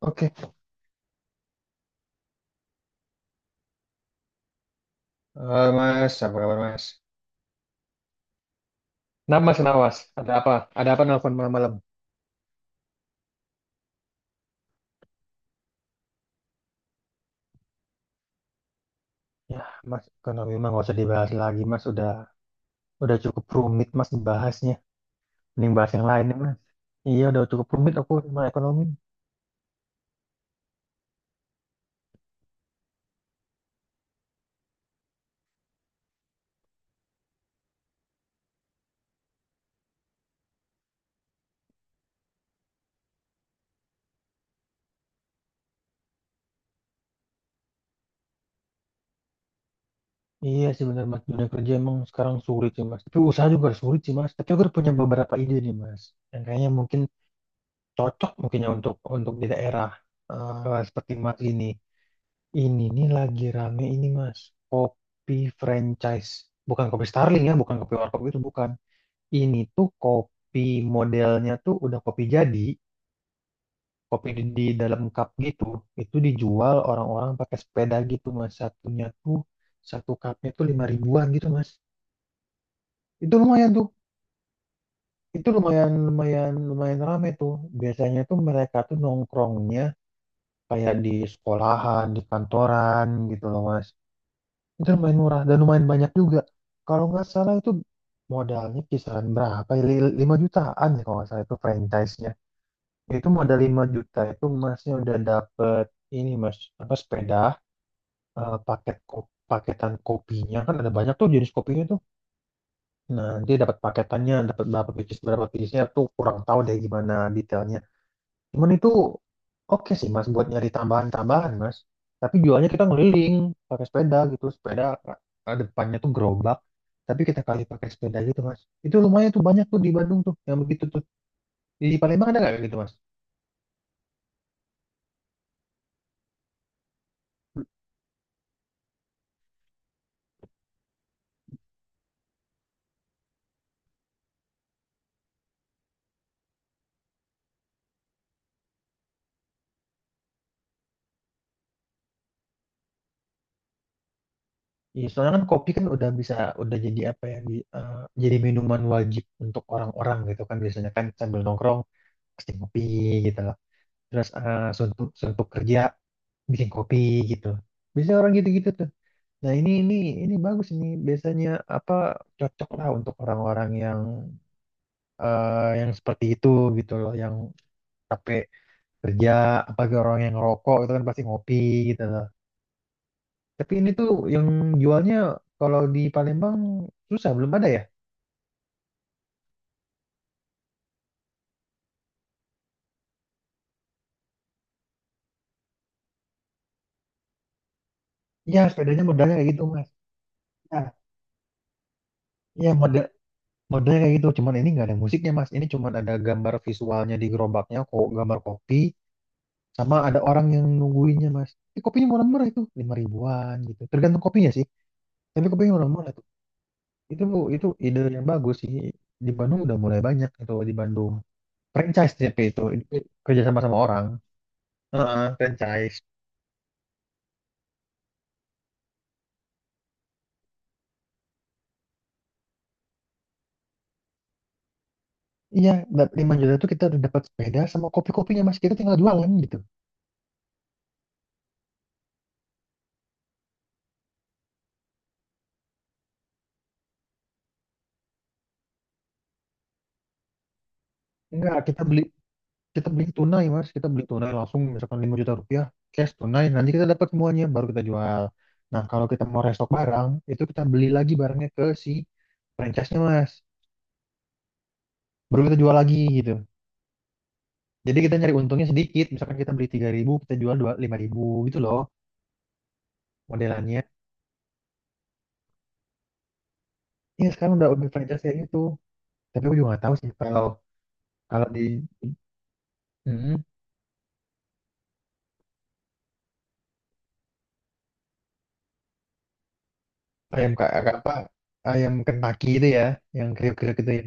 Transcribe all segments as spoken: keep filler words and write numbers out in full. Oke. Eh, Mas, apa kabar Mas? Nah, Mas, kenapa, Mas? Ada apa? Ada apa nelfon malam-malam? Ya, Mas, ekonomi mah nggak usah dibahas lagi, Mas. Udah, udah cukup rumit, Mas, dibahasnya. Mending bahas yang lain, ya, Mas. Iya, udah cukup rumit aku sama ekonomi. Iya sih benar, Mas. Dunia kerja emang sekarang sulit sih, Mas. Tapi usaha juga harus sulit sih, Mas. Tapi aku udah punya beberapa ide nih, Mas. Yang kayaknya mungkin cocok mungkinnya untuk untuk di daerah eh, seperti Mas ini. Ini nih lagi rame ini mas, kopi franchise. Bukan kopi Starling ya, bukan kopi warkop itu bukan. Ini tuh kopi modelnya tuh udah kopi jadi, kopi di, di dalam cup gitu. Itu dijual orang-orang pakai sepeda gitu mas. Satunya tuh satu cupnya tuh lima ribuan gitu mas. Itu lumayan tuh. Itu lumayan lumayan lumayan rame tuh. Biasanya tuh mereka tuh nongkrongnya kayak di sekolahan, di kantoran gitu loh mas. Itu lumayan murah dan lumayan banyak juga. Kalau nggak salah itu modalnya kisaran berapa, ya? Li- lima jutaan ya kalau nggak salah itu franchise-nya. Itu modal lima juta itu masnya udah dapet ini mas apa sepeda, eh, paket ko- paketan kopinya kan ada banyak tuh jenis kopinya tuh. Nah, dia dapat paketannya, dapat berapa pieces, berapa piecesnya tuh kurang tahu deh gimana detailnya. Cuman itu oke sih mas buat nyari tambahan-tambahan mas. Tapi jualnya kita ngeliling pakai sepeda gitu. Sepeda eh, depannya tuh gerobak. Tapi kita kali pakai sepeda gitu mas. Itu lumayan tuh banyak tuh di Bandung tuh yang begitu tuh. Di Palembang ada nggak kayak gitu mas? Iya, soalnya kan kopi kan udah bisa udah jadi apa ya? Di- eh, jadi minuman wajib untuk orang-orang gitu kan, biasanya kan sambil nongkrong pasti kopi gitu loh. Terus eh suntuk, suntuk kerja bikin kopi gitu. Biasanya orang gitu-gitu tuh. Nah, ini ini ini bagus ini biasanya apa cocok lah untuk orang-orang yang eh, yang seperti itu gitu loh, yang capek kerja, apalagi orang yang ngerokok itu kan pasti ngopi gitu loh. Tapi ini tuh yang jualnya kalau di Palembang susah, belum ada ya? Ya, sepedanya modalnya kayak gitu, Mas. Ya, ya model, modelnya kayak gitu, cuman ini nggak ada musiknya, Mas. Ini cuman ada gambar visualnya di gerobaknya, kok gambar kopi sama ada orang yang nungguinnya, Mas. Ini kopinya murah-murah itu, lima ribuan gitu. Tergantung kopinya sih. Tapi kebayang orang Malang tuh. Itu itu ide yang bagus sih. Di Bandung udah mulai banyak itu di Bandung. Franchise tapi itu, itu kerja sama sama orang. Heeh, franchise. Iya, dap- lima juta itu kita udah dapat sepeda sama kopi-kopinya mas. Kita tinggal jualan gitu. Enggak, kita beli kita beli tunai mas. Kita beli tunai langsung misalkan lima juta rupiah cash tunai. Nanti kita dapat semuanya baru kita jual. Nah kalau kita mau restock barang itu kita beli lagi barangnya ke si franchise-nya mas. Baru kita jual lagi gitu. Jadi kita nyari untungnya sedikit, misalkan kita beli tiga ribu, kita jual dua- lima ribu gitu loh modelannya. Iya sekarang udah udah franchise kayak gitu. Tapi aku juga nggak tahu sih kalau kalau di mm, ayam ka- apa ayam Kentucky itu ya, yang kriuk-kriuk itu ya.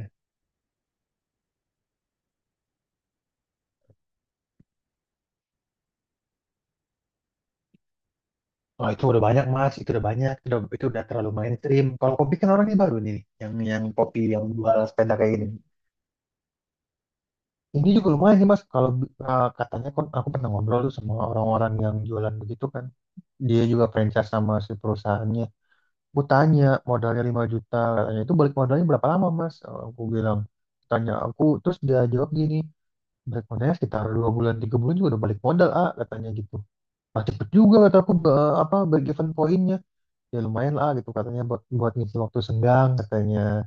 Oh itu udah banyak mas, itu udah banyak, itu udah, itu udah terlalu mainstream. Kalau kopi kan orangnya baru nih, nih, yang yang kopi yang jual sepeda kayak gini. Ini juga lumayan sih mas, kalau eh, katanya kan aku pernah ngobrol tuh sama orang-orang yang jualan begitu kan. Dia juga franchise sama si perusahaannya. Aku tanya modalnya lima juta, katanya itu balik modalnya berapa lama mas. Eh, aku bilang, tanya aku, terus dia jawab gini, balik modalnya sekitar dua bulan tiga bulan juga udah balik modal ah katanya gitu. Ah cepet juga kata aku, be- apa break even poinnya, ya lumayan lah ah, gitu katanya, buat, buat ngisi waktu senggang katanya,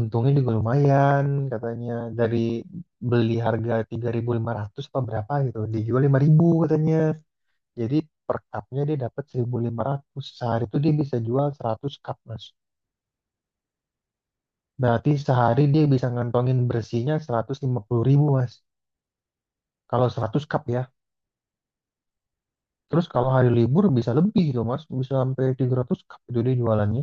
untungnya juga lumayan katanya. Dari beli harga tiga ribu lima ratus apa berapa gitu dijual lima ribu katanya. Jadi per cupnya dia dapat seribu lima ratus, sehari itu dia bisa jual seratus cup mas. Berarti sehari dia bisa ngantongin bersihnya seratus lima puluh ribu, Mas. Kalau seratus cup ya. Terus kalau hari libur bisa lebih tuh, Mas. Bisa sampai tiga ratus cup itu dia jualannya.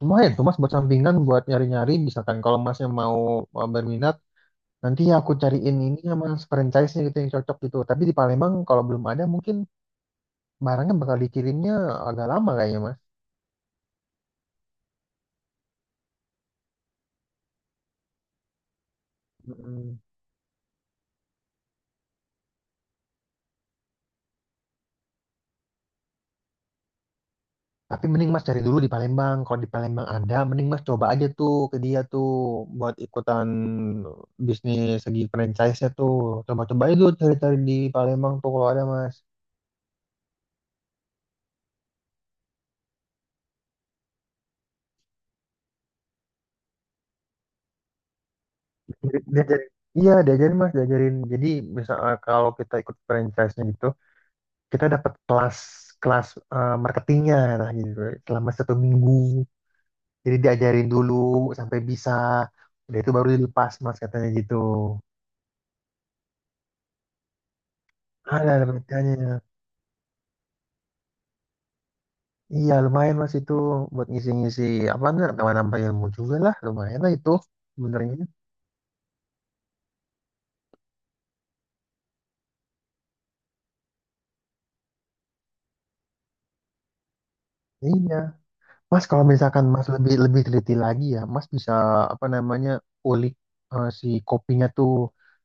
Lumayan tuh, Mas, buat sampingan, buat nyari-nyari. Misalkan kalau Masnya mau uh, berminat, nanti aku cariin ini sama franchise-nya gitu yang cocok gitu. Tapi di Palembang kalau belum ada mungkin barangnya bakal dikirimnya agak lama kayaknya, Mas. Mm-mm. Tapi mending Mas cari dulu di Palembang. Kalau di Palembang ada, mending Mas coba aja tuh ke dia tuh buat ikutan bisnis segi franchise-nya tuh. Coba-coba aja dulu cari-cari di Palembang tuh kalau ada Mas. Dia- Diajarin. Iya, diajarin Mas, diajarin. Jadi misal eh, kalau kita ikut franchise-nya gitu, kita dapat kelas, kelas eh, marketingnya nah gitu selama satu minggu. Jadi diajarin dulu sampai bisa. Udah itu baru dilepas Mas katanya gitu. Ada, ada penelitiannya. Iya lumayan mas itu buat ngisi-ngisi apa enggak nambah-nambah ilmu juga lah lumayan lah itu sebenarnya. Iya mas, kalau misalkan mas lebih lebih teliti lagi ya mas bisa apa namanya ulik eh, si kopinya tuh,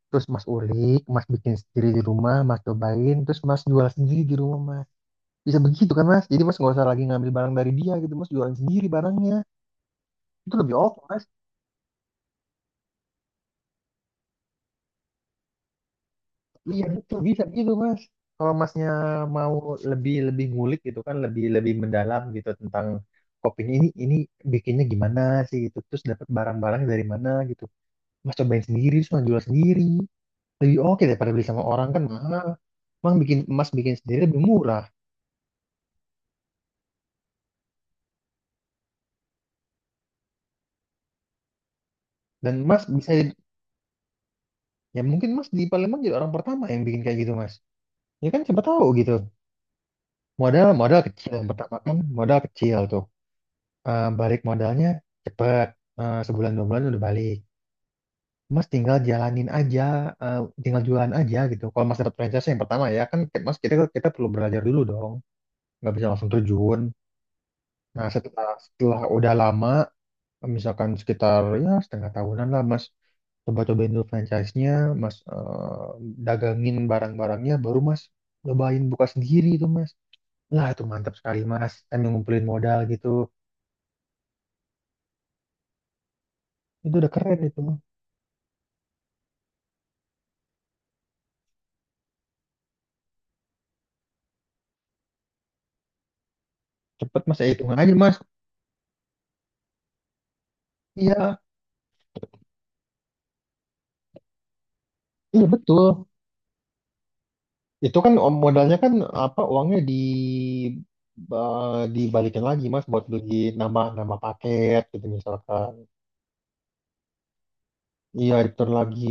terus mas ulik, mas bikin sendiri di rumah, mas cobain, terus mas jual sendiri di rumah mas. Bisa begitu kan mas, jadi mas nggak usah lagi ngambil barang dari dia gitu, mas jualan sendiri barangnya, itu lebih oke mas. Iya betul bisa gitu mas. Kalau masnya mau lebih lebih ngulik gitu kan, lebih lebih mendalam gitu tentang kopinya, ini ini bikinnya gimana sih gitu, terus dapat barang-barang dari mana gitu, mas cobain sendiri terus mas jual sendiri, lebih oke daripada beli sama orang kan mahal. Emang bikin, mas bikin sendiri lebih murah, dan mas bisa ya mungkin mas di Palembang jadi orang pertama yang bikin kayak gitu mas. Ya kan siapa tahu gitu, modal modal kecil yang pertama kan, modal kecil tuh. Eh, balik modalnya cepet. Eh, sebulan dua bulan udah balik. Mas tinggal jalanin aja, eh, tinggal jualan aja gitu. Kalau Mas dapat franchise yang pertama ya kan, Mas, kita kita perlu belajar dulu dong, nggak bisa langsung terjun. Nah setelah setelah udah lama, misalkan sekitar ya setengah tahunan lah Mas, coba cobain dulu franchise-nya, Mas, eh, dagangin barang-barangnya, baru Mas cobain buka sendiri itu Mas. Lah itu mantap sekali Mas, kan ngumpulin modal gitu, itu udah keren itu, Mas. Cepet Mas, ya hitungan aja Mas. Iya, iya betul. Itu kan modalnya kan apa uangnya di ba- dibalikin lagi Mas buat beli nama, nama paket gitu misalkan. Iya, return lagi.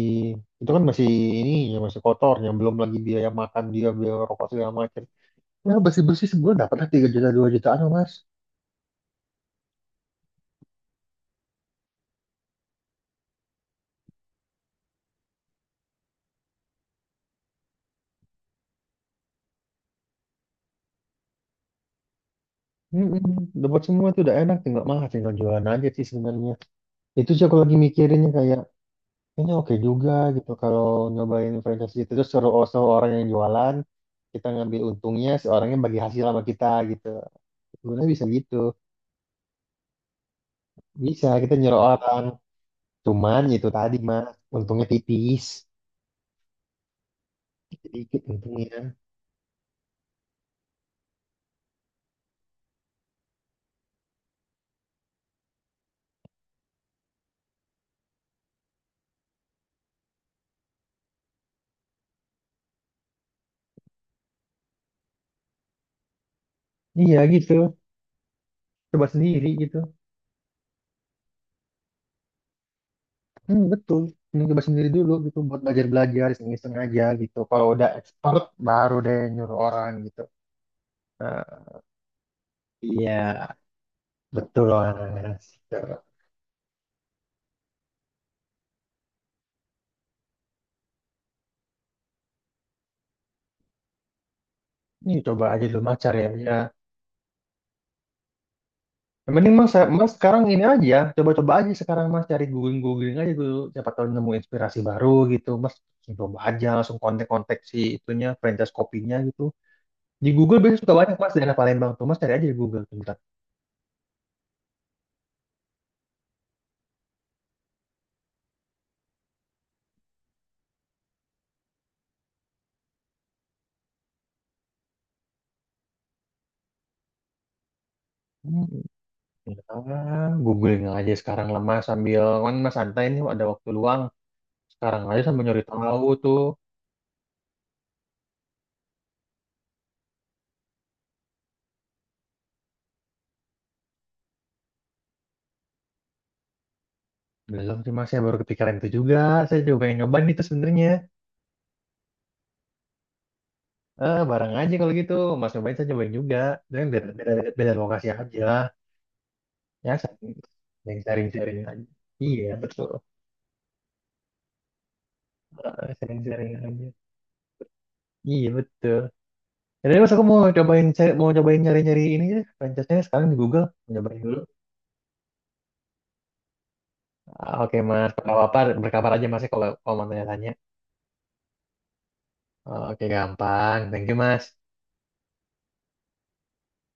Itu kan masih ini ya, masih kotor, yang belum lagi biaya makan dia, biaya rokok segala macam. Ya bersih-bersih sebulan dapat lah tiga juta dua jutaan loh, Mas. Mm-mm. Dapat semua tuh udah enak, tinggal mah tinggal jualan aja sih sebenarnya. Itu sih aku lagi mikirinnya kayak ini oke juga gitu kalau nyobain franchise gitu terus suruh, oh, suruh orang yang jualan, kita ngambil untungnya si orangnya bagi hasil sama kita gitu. Sebenarnya bisa gitu. Bisa kita nyuruh orang. Cuman itu tadi mas, untungnya tipis, sedikit untungnya. Iya gitu. Coba sendiri gitu. Hmm, betul. Ini coba sendiri dulu gitu buat belajar-belajar iseng-iseng aja gitu. Kalau udah expert baru deh nyuruh orang gitu. Nah, iya betul orang. Ini coba aja dulu mas, cari aja. Yang penting mas, mas sekarang ini aja, coba-coba aja sekarang mas, cari googling-googling aja dulu, siapa tahu nemu inspirasi baru gitu, mas langsung coba aja, langsung kontak-kontak si itunya, franchise kopinya gitu. Di Google biasanya suka banyak mas daerah Palembang tuh, mas cari aja di Google bentar. Hmm, ah, googling aja sekarang lah mas, sambil kan mas santai nih ada waktu luang, sekarang aja sambil nyari tahu tuh. Belum sih mas, saya baru kepikiran itu juga, saya juga pengen nyobain itu sebenarnya. Eh barang aja kalau gitu, mas nyobain, saya nyobain juga, dan beda, beda, beda lokasi aja. Ya, saling saling sharing-sharing aja. Iya, betul. Heeh, sharing-sharing aja. Iya, betul. Jadi mas aku mau cobain cari- mau cobain nyari-nyari ini ya, franchise-nya sekarang di Google. Mau cobain dulu. Ah, oke, Mas. Apa-apa berkabar aja Mas ya, kalau kalau mau tanya-tanya. Oh, oke, gampang. Thank you, Mas.